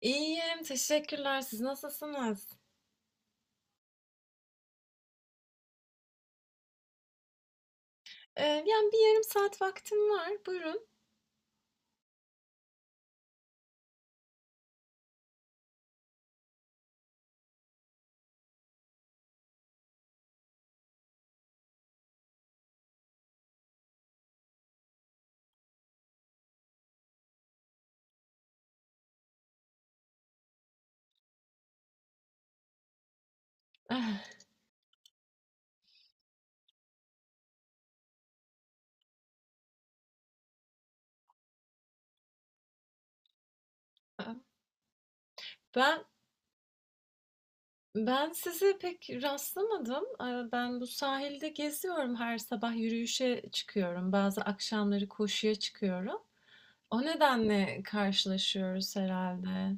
İyiyim, teşekkürler. Siz nasılsınız? Yani bir yarım saat vaktim var. Buyurun. Ben ben sizi pek rastlamadım. Ben bu sahilde geziyorum. Her sabah yürüyüşe çıkıyorum. Bazı akşamları koşuya çıkıyorum. O nedenle karşılaşıyoruz herhalde.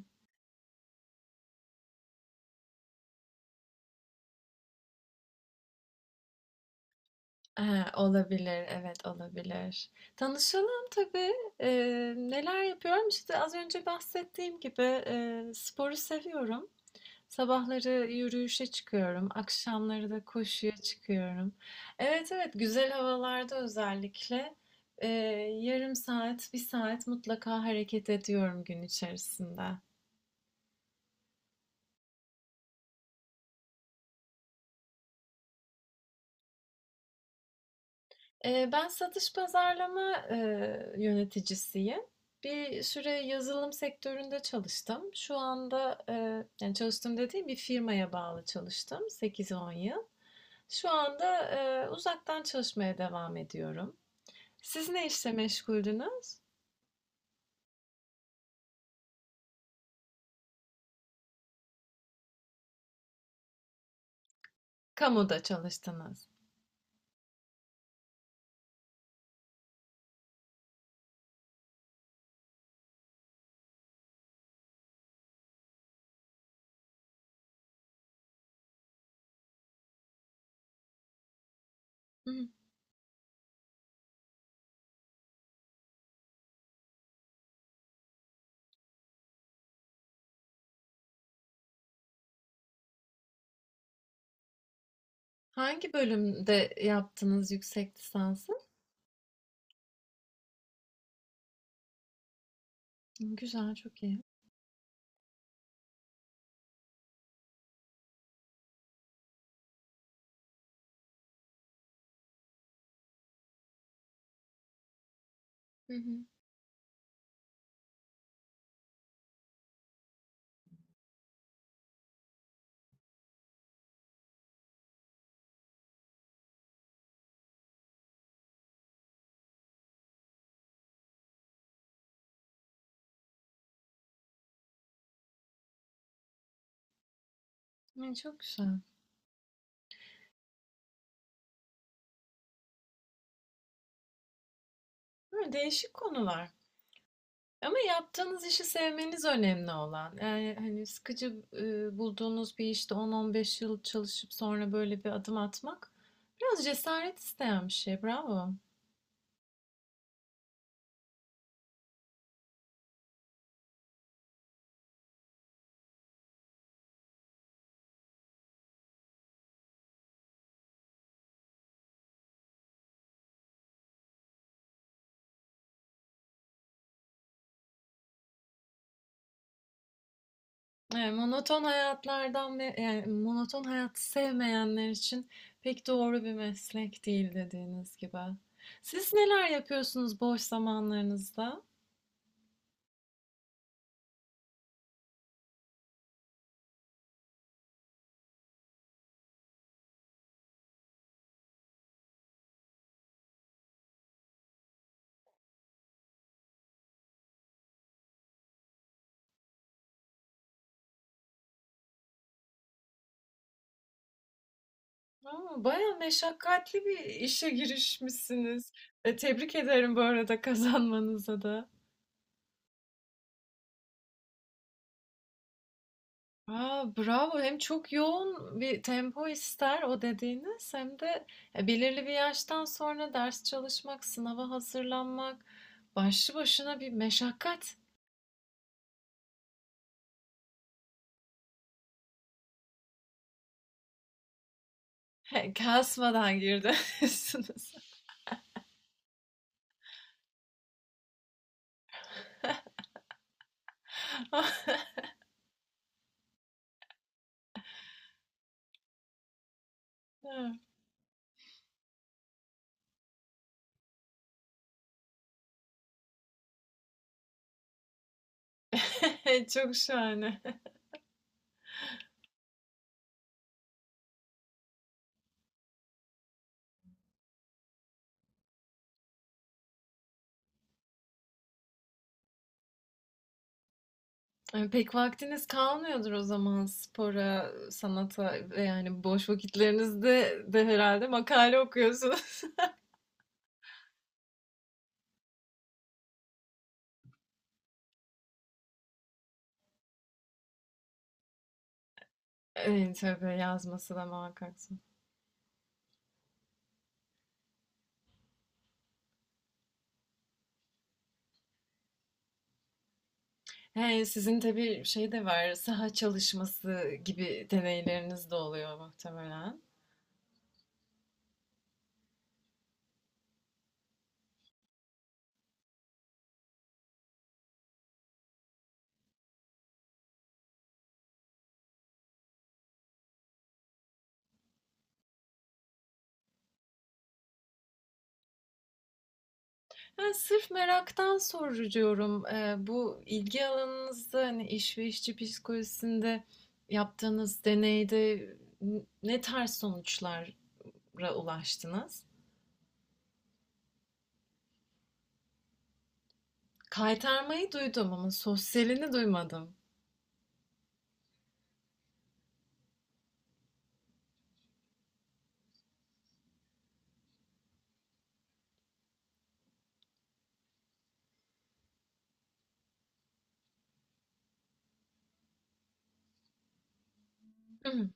Olabilir, evet olabilir. Tanışalım tabii. Neler yapıyorum? İşte az önce bahsettiğim gibi sporu seviyorum. Sabahları yürüyüşe çıkıyorum, akşamları da koşuya çıkıyorum. Evet, evet, güzel havalarda özellikle e, yarım saat, bir saat mutlaka hareket ediyorum gün içerisinde. Ben satış pazarlama yöneticisiyim. Bir süre yazılım sektöründe çalıştım. Şu anda yani çalıştım dediğim bir firmaya bağlı çalıştım 8-10 yıl. Şu anda uzaktan çalışmaya devam ediyorum. Siz ne işle meşguldünüz? Kamuda çalıştınız. Hı hı. Hangi bölümde yaptınız yüksek lisansı? Hı. Güzel, çok iyi. Hı hı. Ay, çok güzel. Hı, değişik konular. Ama yaptığınız işi sevmeniz önemli olan. Yani hani sıkıcı bulduğunuz bir işte 10-15 yıl çalışıp sonra böyle bir adım atmak biraz cesaret isteyen bir şey. Bravo. Evet, monoton hayatlardan yani monoton hayatı sevmeyenler için pek doğru bir meslek değil dediğiniz gibi. Siz neler yapıyorsunuz boş zamanlarınızda? Aa, bayağı meşakkatli bir işe girişmişsiniz. Tebrik ederim bu arada, kazanmanıza da. Aa, bravo. Hem çok yoğun bir tempo ister o dediğiniz, hem de belirli bir yaştan sonra ders çalışmak, sınava hazırlanmak başlı başına bir meşakkat. He, kasmadan girdiniz. Çok şahane. Pek vaktiniz kalmıyordur o zaman spora, sanata ve yani boş vakitlerinizde de herhalde makale okuyorsunuz. Tabii yazması da muhakkak zor. He, sizin tabii şey de var, saha çalışması gibi deneyleriniz de oluyor muhtemelen. Ben sırf meraktan soruyorum. Bu ilgi alanınızda hani iş ve işçi psikolojisinde yaptığınız deneyde ne tarz sonuçlara ulaştınız? Kaytarmayı duydum ama sosyalini duymadım. Hı,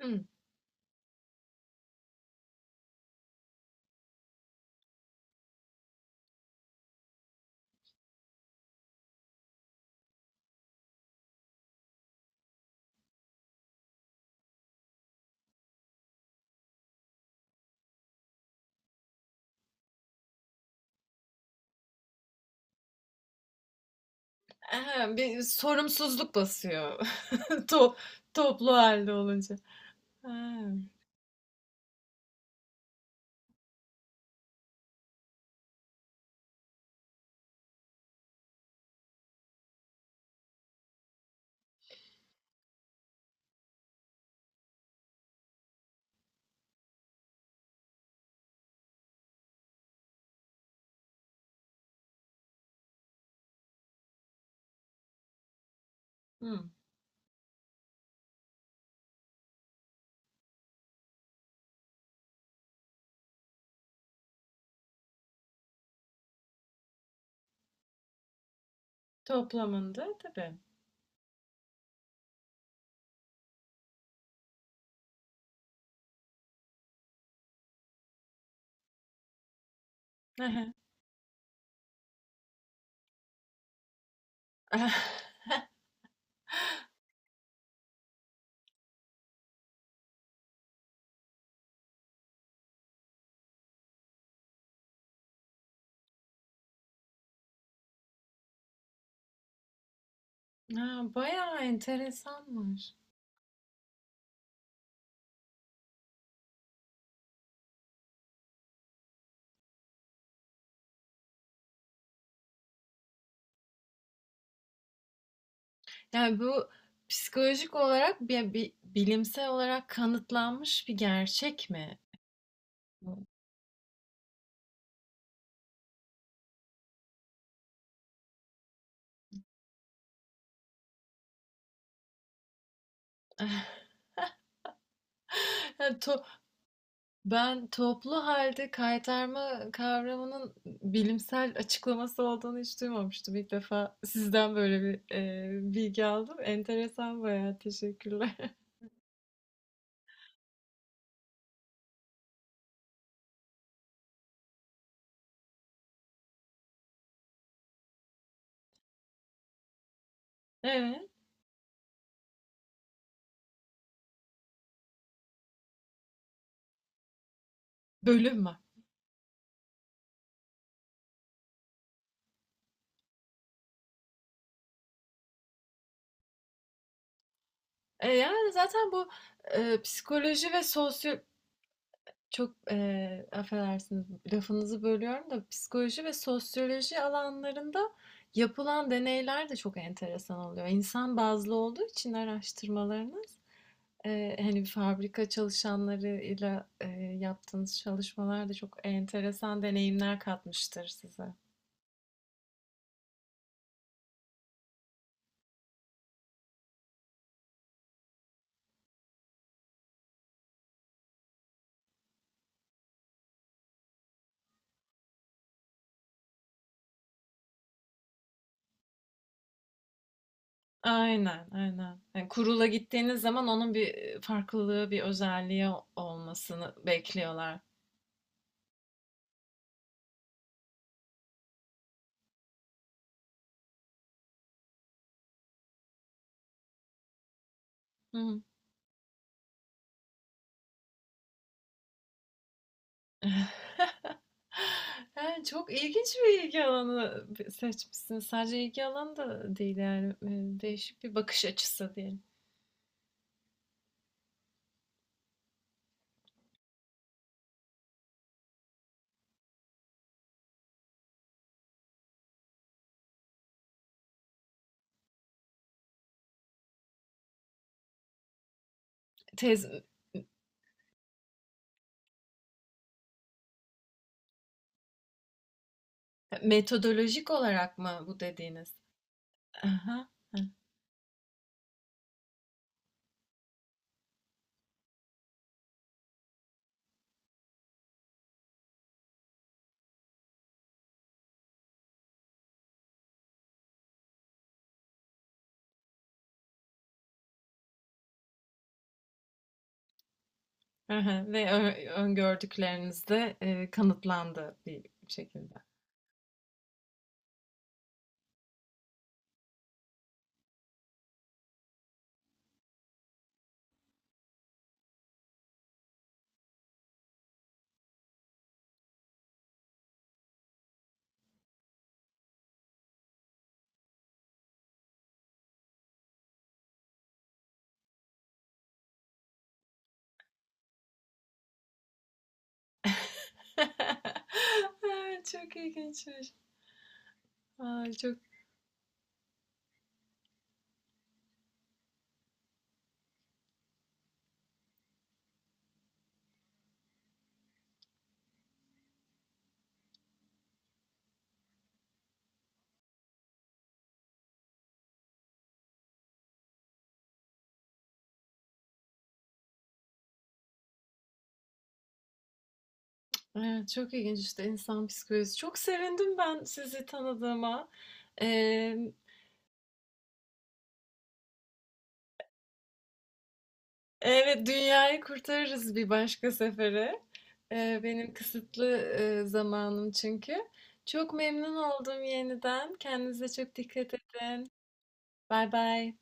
hı. Aha, bir sorumsuzluk basıyor. To- toplu halde olunca. Ha, hı. Toplamında tabii. Aha. Ah, bayağı enteresanmış. Yani bu psikolojik olarak bilimsel olarak kanıtlanmış bir gerçek mi? Bu- Yani ben toplu halde kaytarma kavramının bilimsel açıklaması olduğunu hiç duymamıştım. İlk defa sizden böyle bir bilgi aldım. Enteresan, bayağı teşekkürler. Evet, bölüm var. Yani zaten bu psikoloji ve sosyo. Çok, affedersiniz, lafınızı bölüyorum da psikoloji ve sosyoloji alanlarında yapılan deneyler de çok enteresan oluyor. İnsan bazlı olduğu için araştırmalarınız, hani, fabrika çalışanlarıyla, yaptığınız çalışmalar da çok enteresan deneyimler katmıştır size. Aynen, aynen. Yani kurula gittiğiniz zaman onun bir farklılığı, bir özelliği olmasını bekliyorlar. Hı hı. He, çok ilginç bir ilgi alanı seçmişsin. Sadece ilgi alanı da değil yani, değişik bir bakış açısı diyelim. Tez metodolojik olarak mı bu dediğiniz? Aha, aha. Ve öngördükleriniz de kanıtlandı bir şekilde. Ay, çok ilginçmiş. Ay, çok, evet, çok ilginç işte insan psikolojisi. Çok sevindim ben sizi tanıdığıma. Evet, dünyayı kurtarırız bir başka sefere. Benim kısıtlı zamanım çünkü. Çok memnun oldum yeniden. Kendinize çok dikkat edin. Bay bay.